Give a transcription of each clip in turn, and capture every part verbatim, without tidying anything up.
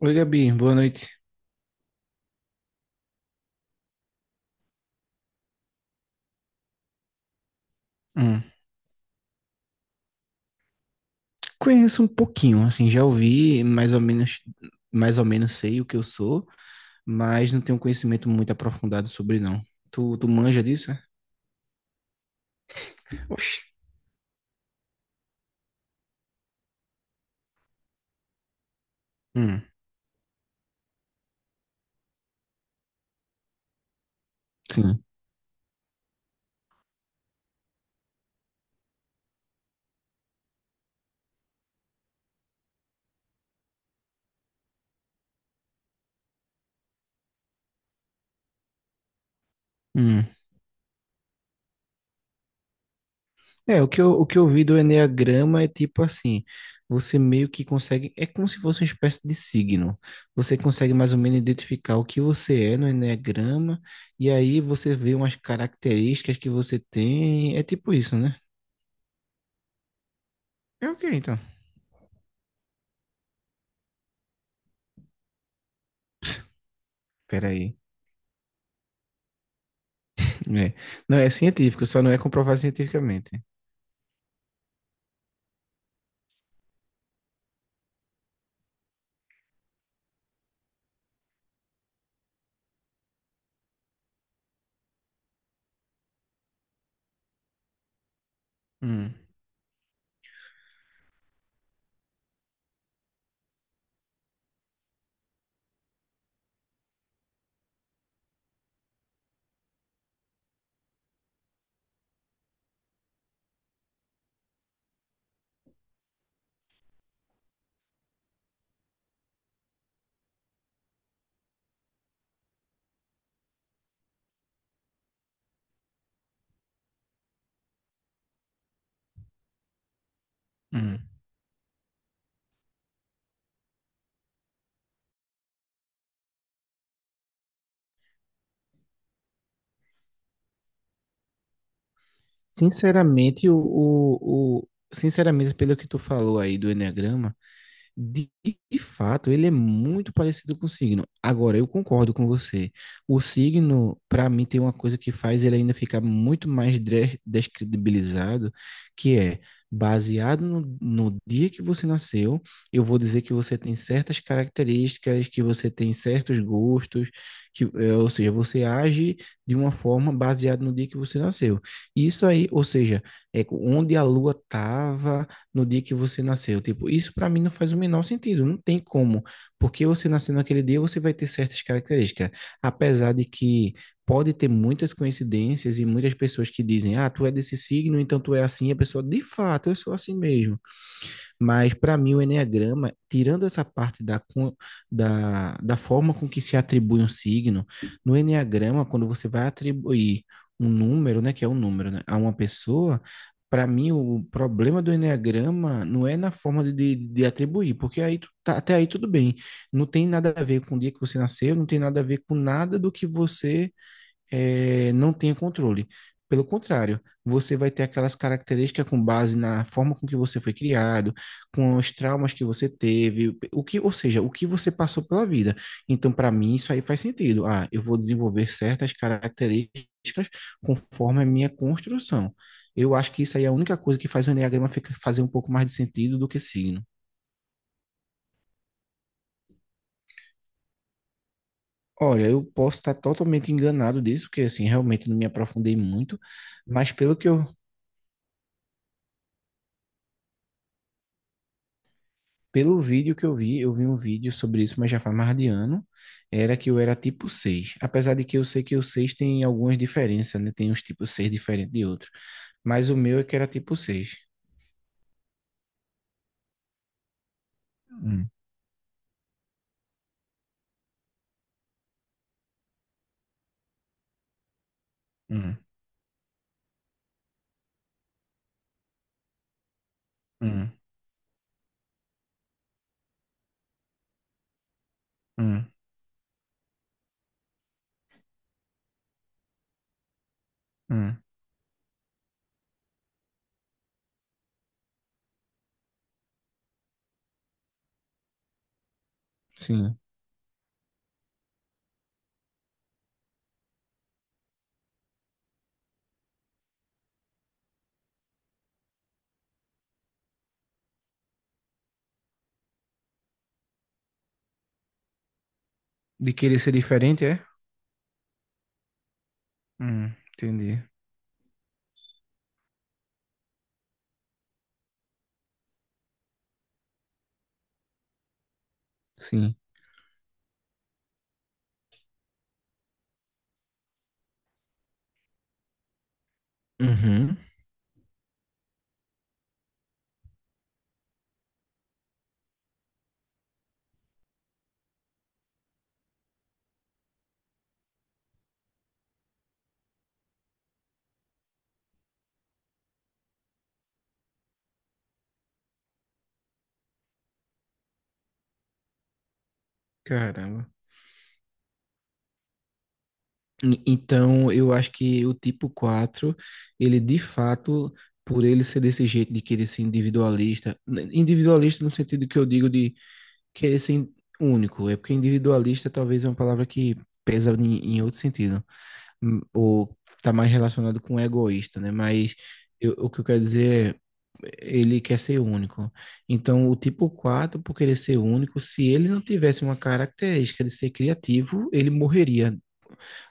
Oi, Gabi, boa noite. Hum, Conheço um pouquinho, assim, já ouvi mais ou menos, mais ou menos sei o que eu sou, mas não tenho conhecimento muito aprofundado sobre, não. Tu, tu manja disso, é? Oxi. Hum, sim. Hum. É, o que eu, o que eu vi do enneagrama é tipo assim, você meio que consegue, é como se fosse uma espécie de signo. Você consegue mais ou menos identificar o que você é no enneagrama, e aí você vê umas características que você tem, é tipo isso, né? É o que então? Peraí. É. Não, é científico, só não é comprovado cientificamente. Hum, hum. Sinceramente, o, o, o- sinceramente, pelo que tu falou aí do Eneagrama, De, de fato, ele é muito parecido com o signo. Agora, eu concordo com você. O signo, para mim, tem uma coisa que faz ele ainda ficar muito mais dre- descredibilizado, que é baseado no, no dia que você nasceu, eu vou dizer que você tem certas características, que você tem certos gostos, que, eh, ou seja, você age de uma forma baseada no dia que você nasceu. Isso aí, ou seja, é onde a lua estava no dia que você nasceu. Tipo, isso para mim não faz o menor sentido, não tem como. Porque você nascendo naquele dia, você vai ter certas características. Apesar de que pode ter muitas coincidências e muitas pessoas que dizem, ah, tu é desse signo, então tu é assim, a pessoa, de fato, eu sou assim mesmo. Mas, para mim, o Enneagrama, tirando essa parte da, da, da forma com que se atribui um signo, no Enneagrama, quando você vai atribuir um número, né, que é um número, né, a uma pessoa, para mim, o problema do enneagrama não é na forma de, de, de atribuir, porque aí tu tá- até aí tudo bem. Não tem nada a ver com o dia que você nasceu, não tem nada a ver com nada do que você eh, não tenha controle. Pelo contrário, você vai ter aquelas características com base na forma com que você foi criado, com os traumas que você teve, o que, ou seja, o que você passou pela vida. Então, para mim, isso aí faz sentido. Ah, eu vou desenvolver certas características conforme a minha construção. Eu acho que isso aí é a única coisa que faz o enneagrama fica- fazer um pouco mais de sentido do que signo. Olha, eu posso estar totalmente enganado disso, porque assim, realmente não me aprofundei muito, mas pelo que eu pelo vídeo que eu vi, eu vi um vídeo sobre isso, mas já faz mais de ano, era que eu era tipo seis. Apesar de que eu sei que o seis tem algumas diferenças, né? Tem uns tipo seis diferentes de outros. Mas o meu é que era tipo seis. Hum, hum, hum, hum, hum. Sim. De querer ser diferente, é? Hum, entendi. Sim. Uhum. Caramba. E- Então, eu acho que o tipo quatro ele de fato, por ele ser desse jeito de querer ser individualista, n- individualista no sentido que eu digo de querer ser único, é porque individualista talvez é uma palavra que pesa em, em outro sentido, hum, ou está mais relacionado com egoísta, né? Mas eu- o que eu quero dizer é, ele quer ser único. Então, o tipo quatro, por querer ser único, se ele não tivesse uma característica de ser criativo, ele morreria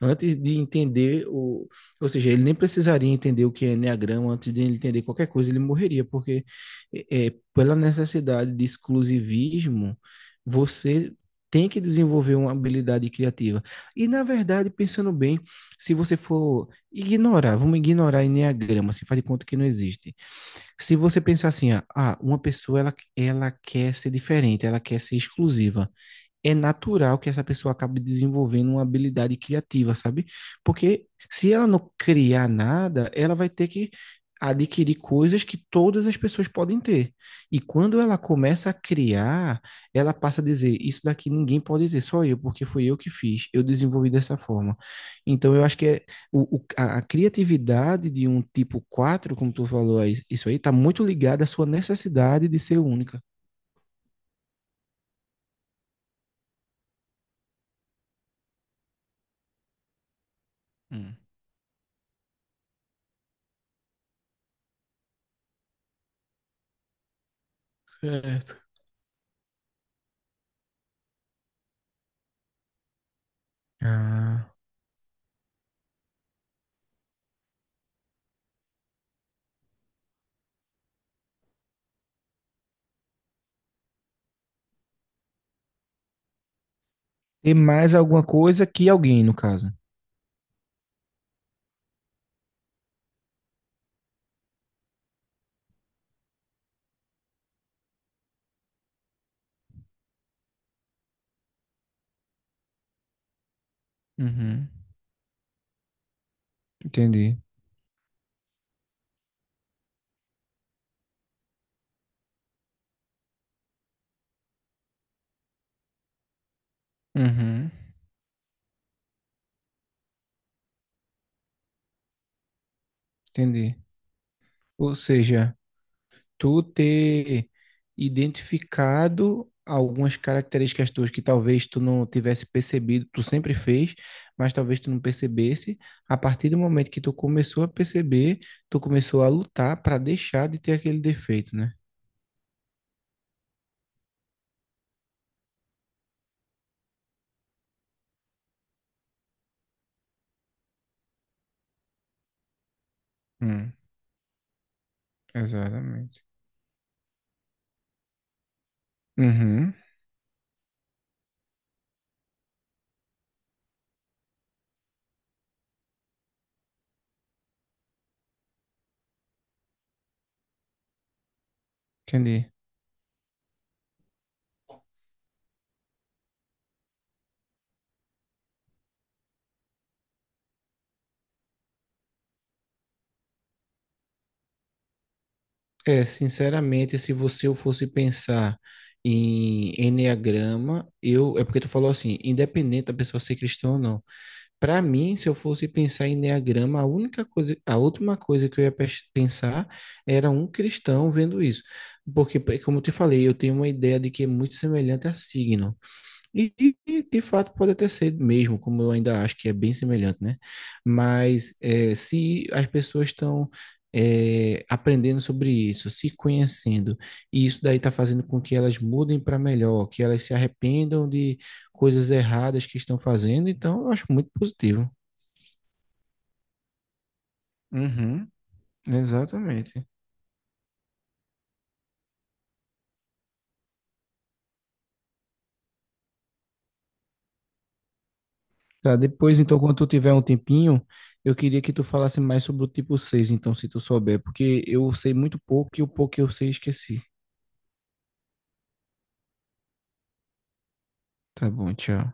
antes de entender o. Ou seja, ele nem precisaria entender o que é Enneagrama, antes de ele entender qualquer coisa, ele morreria, porque é, é, pela necessidade de exclusivismo, você tem que desenvolver uma habilidade criativa. E, na verdade, pensando bem, se você for ignorar, vamos ignorar Enneagrama, se faz de conta que não existe. Se você pensar assim, ah, ah, uma pessoa, ela, ela quer ser diferente, ela quer ser exclusiva, é natural que essa pessoa acabe desenvolvendo uma habilidade criativa, sabe? Porque se ela não criar nada, ela vai ter que adquirir coisas que todas as pessoas podem ter. E quando ela começa a criar, ela passa a dizer: Isso daqui ninguém pode ter, só eu, porque fui eu que fiz, eu desenvolvi dessa forma. Então, eu acho que é o, o- a, a criatividade de um tipo quatro, como tu falou, aí, isso aí, está muito ligada à sua necessidade de ser única. Hum, certo. Ah, ter mais alguma coisa que alguém, no caso. Uhum. Entendi. Uhum, entendi. Ou seja, tu ter identificado algumas características tuas que talvez tu não tivesse percebido, tu sempre fez, mas talvez tu não percebesse. A partir do momento que tu começou a perceber, tu começou a lutar para deixar de ter aquele defeito, né? Hum, exatamente. Uhum, entendi. É, sinceramente, se você eu fosse pensar em enneagrama, eu, é porque tu falou assim, independente da pessoa ser cristã ou não. Para mim, se eu fosse pensar em enneagrama, a única coisa, a última coisa que eu ia pes- pensar era um cristão vendo isso. Porque, pe- como eu te falei, eu tenho uma ideia de que é muito semelhante a signo. E, e, de fato pode até ser mesmo, como eu ainda acho que é bem semelhante, né? Mas é, se as pessoas estão é, aprendendo sobre isso, se conhecendo, e isso daí está fazendo com que elas mudem para melhor, que elas se arrependam de coisas erradas que estão fazendo, então eu acho muito positivo. Uhum, exatamente. Tá, depois, então, quando tu tiver um tempinho, eu queria que tu falasse mais sobre o tipo seis, então, se tu souber, porque eu sei muito pouco e o pouco que eu sei esqueci. Tá bom, tchau.